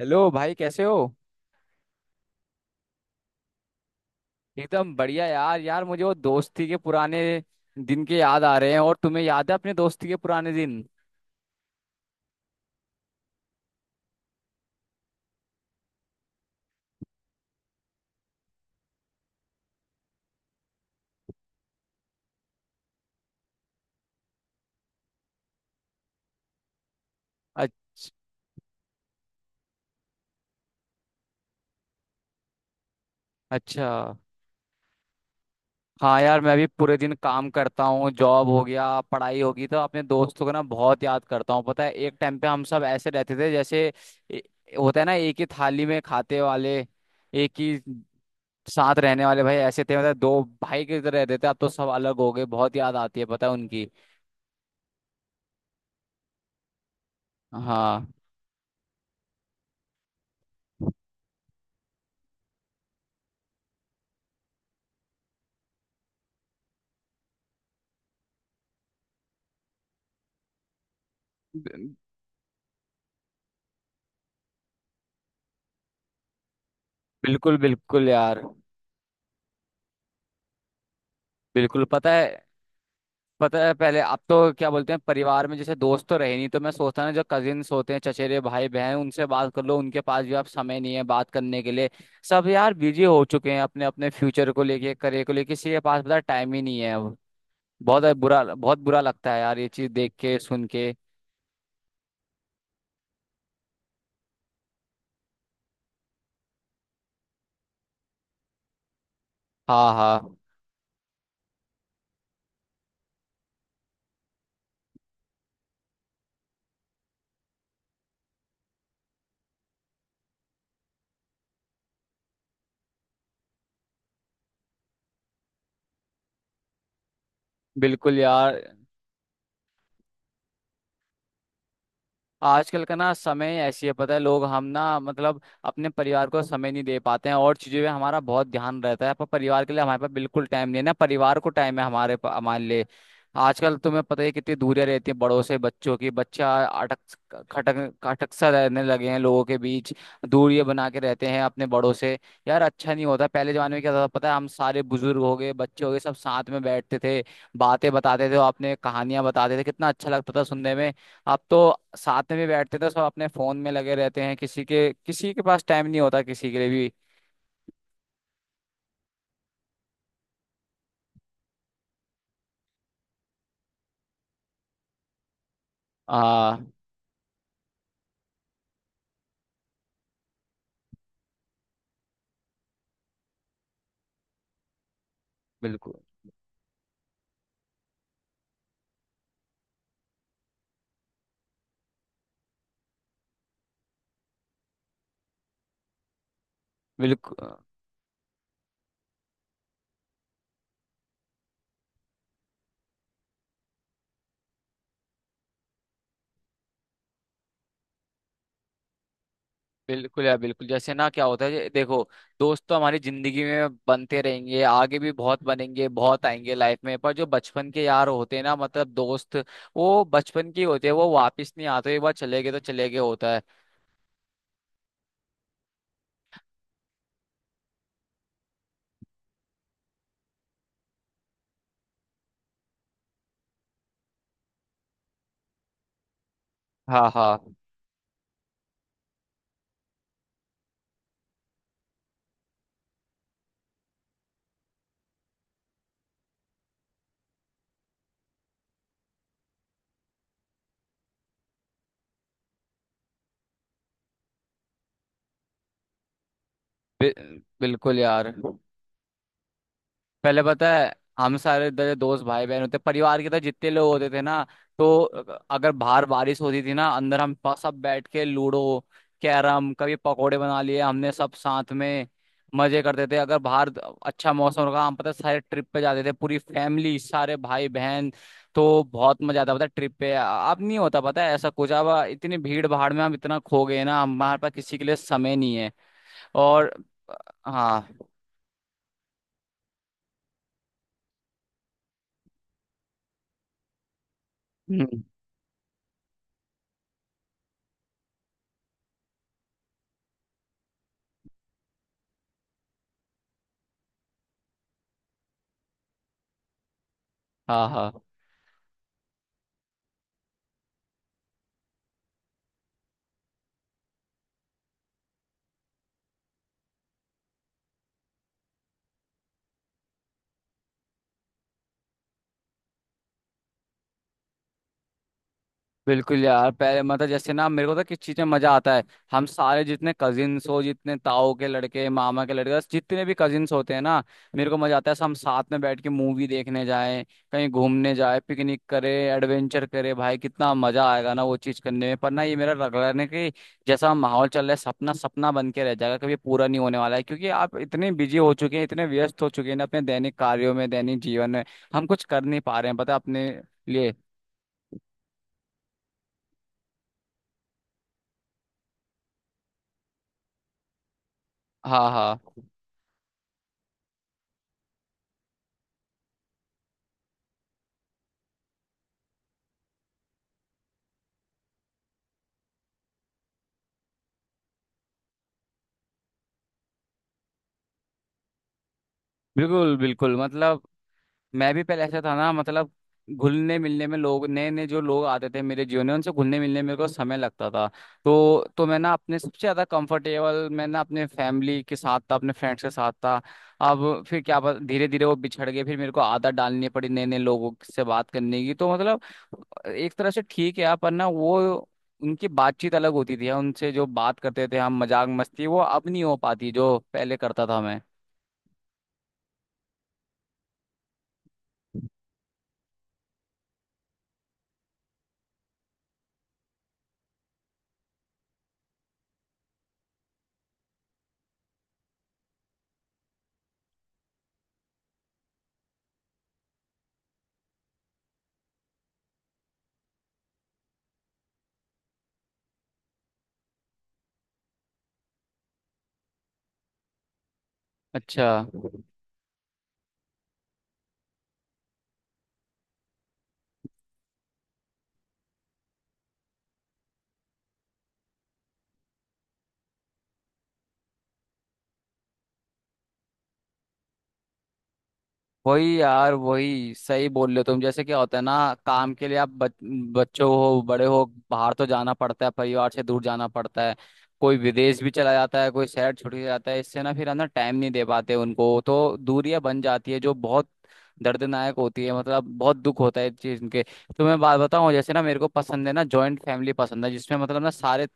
Hello भाई, कैसे हो? एकदम बढ़िया यार। मुझे वो दोस्ती के पुराने दिन के याद आ रहे हैं। और तुम्हें याद है अपने दोस्ती के पुराने दिन? अच्छा। अच्छा। हाँ यार, मैं भी पूरे दिन काम करता हूँ। जॉब हो गया, पढ़ाई होगी, तो अपने दोस्तों को ना बहुत याद करता हूँ। पता है, एक टाइम पे हम सब ऐसे रहते थे जैसे ए- होता है ना, एक ही थाली में खाते वाले, एक ही साथ रहने वाले। भाई ऐसे थे, मतलब दो भाई की तरह रहते थे। अब तो सब अलग हो गए। बहुत याद आती है पता है उनकी। हाँ। बिल्कुल बिल्कुल यार। बिल्कुल। पता है, पता है पहले, अब तो क्या बोलते हैं, परिवार में जैसे दोस्त तो रहे नहीं, तो मैं सोचता ना जो कजिन्स होते हैं, चचेरे भाई बहन, उनसे बात कर लो। उनके पास भी अब समय नहीं है बात करने के लिए। सब यार बिजी हो चुके हैं अपने अपने फ्यूचर को लेके, करियर को लेके। किसी के पास पता टाइम ही नहीं है अब। बहुत बुरा, बहुत बुरा लगता है यार ये चीज देख के, सुन के। हाँ हाँ। बिल्कुल यार। आजकल का ना समय ऐसी है, पता है, लोग हम ना मतलब अपने परिवार को समय नहीं दे पाते हैं। और चीजों में हमारा बहुत ध्यान रहता है, पर परिवार के लिए हमारे पास बिल्कुल टाइम नहीं है। ना परिवार को टाइम है हमारे हमारे लिए। आजकल तुम्हें पता ही है कितनी दूरियां रहती हैं बड़ों से बच्चों की। बच्चा अटक खटक खटक सा रहने लगे हैं लोगों के बीच। दूरियां बना के रहते हैं अपने बड़ों से। यार अच्छा नहीं होता। पहले जमाने में क्या था पता है, हम सारे बुजुर्ग हो गए, बच्चे हो गए, सब साथ में बैठते थे। बातें बताते थे और अपने कहानियां बताते थे, कितना अच्छा लगता था सुनने में। आप तो साथ में भी बैठते थे। सब अपने फोन में लगे रहते हैं, किसी के पास टाइम नहीं होता किसी के लिए भी। आ। बिल्कुल बिल्कुल। बिल्कुल यार बिल्कुल। जैसे ना क्या होता है, ये देखो, दोस्त तो हमारी जिंदगी में बनते रहेंगे, आगे भी बहुत बनेंगे, बहुत आएंगे लाइफ में। पर जो बचपन के यार होते हैं ना, मतलब दोस्त, वो बचपन के ही होते हैं। वो वापस नहीं आते, एक बार चले गए तो चले गए होता है। हाँ हाँ। बि- बिल्कुल यार। पहले पता है हम सारे दोस्त, भाई बहन होते परिवार के, तो जितने लोग होते थे ना, तो अगर बाहर बारिश होती थी ना, अंदर हम सब बैठ के लूडो, कैरम, कभी पकोड़े बना लिए हमने सब साथ में। मजे करते थे। अगर बाहर अच्छा मौसम होगा, हम पता है सारे ट्रिप पे जाते थे, पूरी फैमिली, सारे भाई बहन। तो बहुत मजा आता पता है ट्रिप पे। अब नहीं होता पता है ऐसा कुछ। अब इतनी भीड़ भाड़ में हम इतना खो गए ना, हमारे पास किसी के लिए समय नहीं है। और हाँ। हम्म, हाँ हाँ। बिल्कुल यार। पहले मतलब जैसे ना, मेरे को तो किस चीज में मजा आता है, हम सारे जितने कजिन्स हो, जितने ताऊ के लड़के, मामा के लड़के, जितने भी कजिन्स होते हैं ना, मेरे को मजा आता है सब हम साथ में बैठ के मूवी देखने जाएं, कहीं घूमने जाएं, पिकनिक करें, एडवेंचर करें। भाई कितना मजा आएगा ना वो चीज करने में। पर ना ये मेरा रगड़ने की जैसा माहौल चल रहा है, सपना सपना बन के रह जाएगा, कभी पूरा नहीं होने वाला है। क्योंकि आप इतने बिजी हो चुके हैं, इतने व्यस्त हो चुके हैं ना अपने दैनिक कार्यों में, दैनिक जीवन में। हम कुछ कर नहीं पा रहे हैं पता है अपने लिए। हाँ हाँ। बिल्कुल बिल्कुल मतलब। मैं भी पहले ऐसा था ना, मतलब घुलने मिलने में, लोग नए नए जो लोग आते थे मेरे जीवन में उनसे घुलने मिलने में मेरे को समय लगता था। तो मैं ना अपने सबसे ज़्यादा कंफर्टेबल मैं ना अपने फैमिली के साथ था, अपने फ्रेंड्स के साथ था। अब फिर क्या पता, धीरे धीरे वो बिछड़ गए, फिर मेरे को आदत डालनी पड़ी नए नए लोगों से बात करने की। तो मतलब एक तरह से ठीक है यार, पर ना वो उनकी बातचीत अलग होती थी, उनसे जो बात करते थे हम मजाक मस्ती, वो अब नहीं हो पाती जो पहले करता था मैं। अच्छा। वही यार वही, सही बोल रहे हो तुम। जैसे क्या होता है ना, काम के लिए आप बच्चों हो, बड़े हो, बाहर तो जाना पड़ता है, परिवार से दूर जाना पड़ता है। कोई विदेश भी चला जाता है, कोई शहर छुट्टी जाता है। इससे ना फिर है ना, टाइम नहीं दे पाते उनको, तो दूरियां बन जाती है जो बहुत दर्दनायक होती है। मतलब बहुत दुख होता है इस चीज के। तो मैं बात बताऊं, जैसे ना मेरे को पसंद है ना जॉइंट फैमिली पसंद है, जिसमें मतलब ना सारे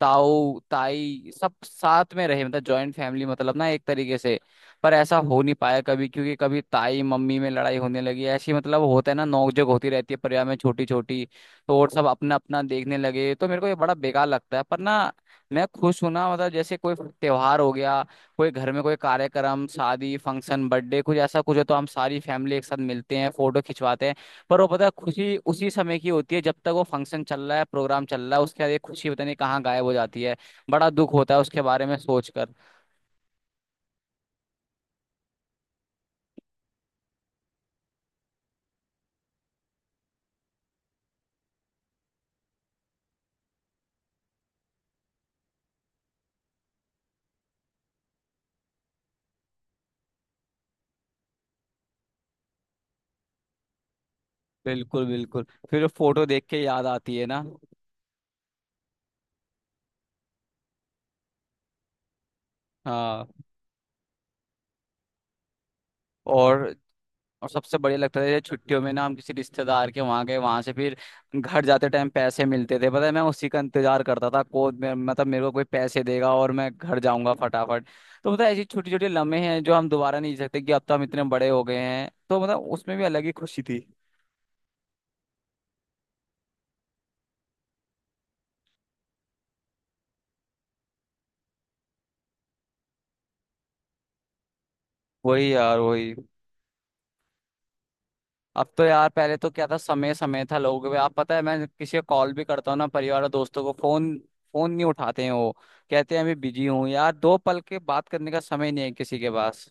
ताऊ ताई सब साथ में रहे, मतलब जॉइंट फैमिली, मतलब ना एक तरीके से। पर ऐसा हो नहीं पाया कभी, क्योंकि कभी ताई मम्मी में लड़ाई होने लगी ऐसी, मतलब होता है ना नोकझोंक होती रहती है परिवार में छोटी छोटी। तो और सब अपना अपना देखने लगे, तो मेरे को ये बड़ा बेकार लगता है। पर ना मैं खुश हूं ना, मतलब जैसे कोई त्योहार हो गया, कोई घर में कोई कार्यक्रम, शादी, फंक्शन, बर्थडे, कुछ ऐसा कुछ है, तो हम सारी फैमिली एक साथ मिलते हैं, फोटो खिंचवाते हैं। पर वो पता है खुशी उसी समय की होती है जब तक वो फंक्शन चल रहा है, प्रोग्राम चल रहा है। उसके बाद ये खुशी पता नहीं कहाँ गायब हो जाती है। बड़ा दुख होता है उसके बारे में सोचकर। बिल्कुल बिल्कुल। फिर फोटो देख के याद आती है ना। हाँ। और। और सबसे बढ़िया लगता था जैसे छुट्टियों में ना, हम किसी रिश्तेदार के वहां गए, वहां से फिर घर जाते टाइम पैसे मिलते थे। पता है मैं उसी का इंतजार करता था को मतलब मेरे को कोई पैसे देगा और मैं घर जाऊंगा फटाफट। तो मतलब ऐसी छोटी छोटी लम्हे हैं जो हम दोबारा नहीं जी सकते, कि अब तो हम इतने बड़े हो गए हैं, तो मतलब उसमें भी अलग ही खुशी थी। वही यार वही। अब तो यार पहले तो क्या था, समय समय था लोगों के आप। पता है, मैं किसी को कॉल भी करता हूँ ना परिवार और दोस्तों को, फोन फोन नहीं उठाते हैं वो। कहते हैं अभी बिजी हूँ यार, दो पल के बात करने का समय नहीं है किसी के पास।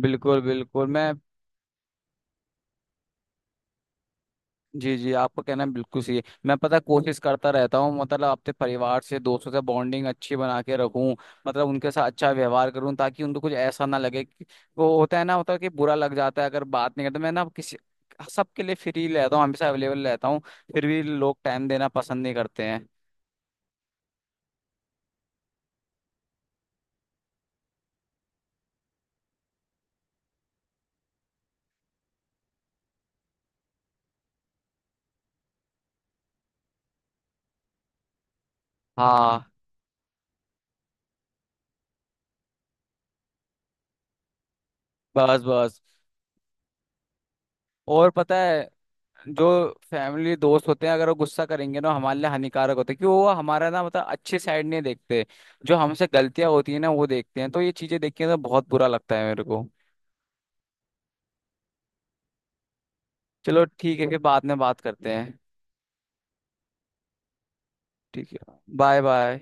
बिल्कुल बिल्कुल मैं। जी जी, आपका कहना बिल्कुल सही है। मैं पता है, कोशिश करता रहता हूँ, मतलब अपने परिवार से दोस्तों से बॉन्डिंग अच्छी बना के रखूं, मतलब उनके साथ अच्छा व्यवहार करूं, ताकि उनको कुछ ऐसा ना लगे कि- वो होता है ना, होता है कि बुरा लग जाता है अगर बात नहीं करते। मैं ना किसी सबके लिए फ्री रहता हूँ, हमेशा अवेलेबल रहता हूँ। फिर भी लोग टाइम देना पसंद नहीं करते हैं। हाँ। बस बस। और पता है जो फैमिली दोस्त होते हैं, अगर वो गुस्सा करेंगे ना, हमारे लिए हानिकारक होते हैं, क्योंकि वो हमारा ना मतलब अच्छे साइड नहीं देखते। जो हमसे गलतियां होती है ना वो देखते हैं। तो ये चीजें देख के ना बहुत बुरा लगता है मेरे को। चलो ठीक है, फिर बाद में बात करते हैं। ठीक है। Bye bye.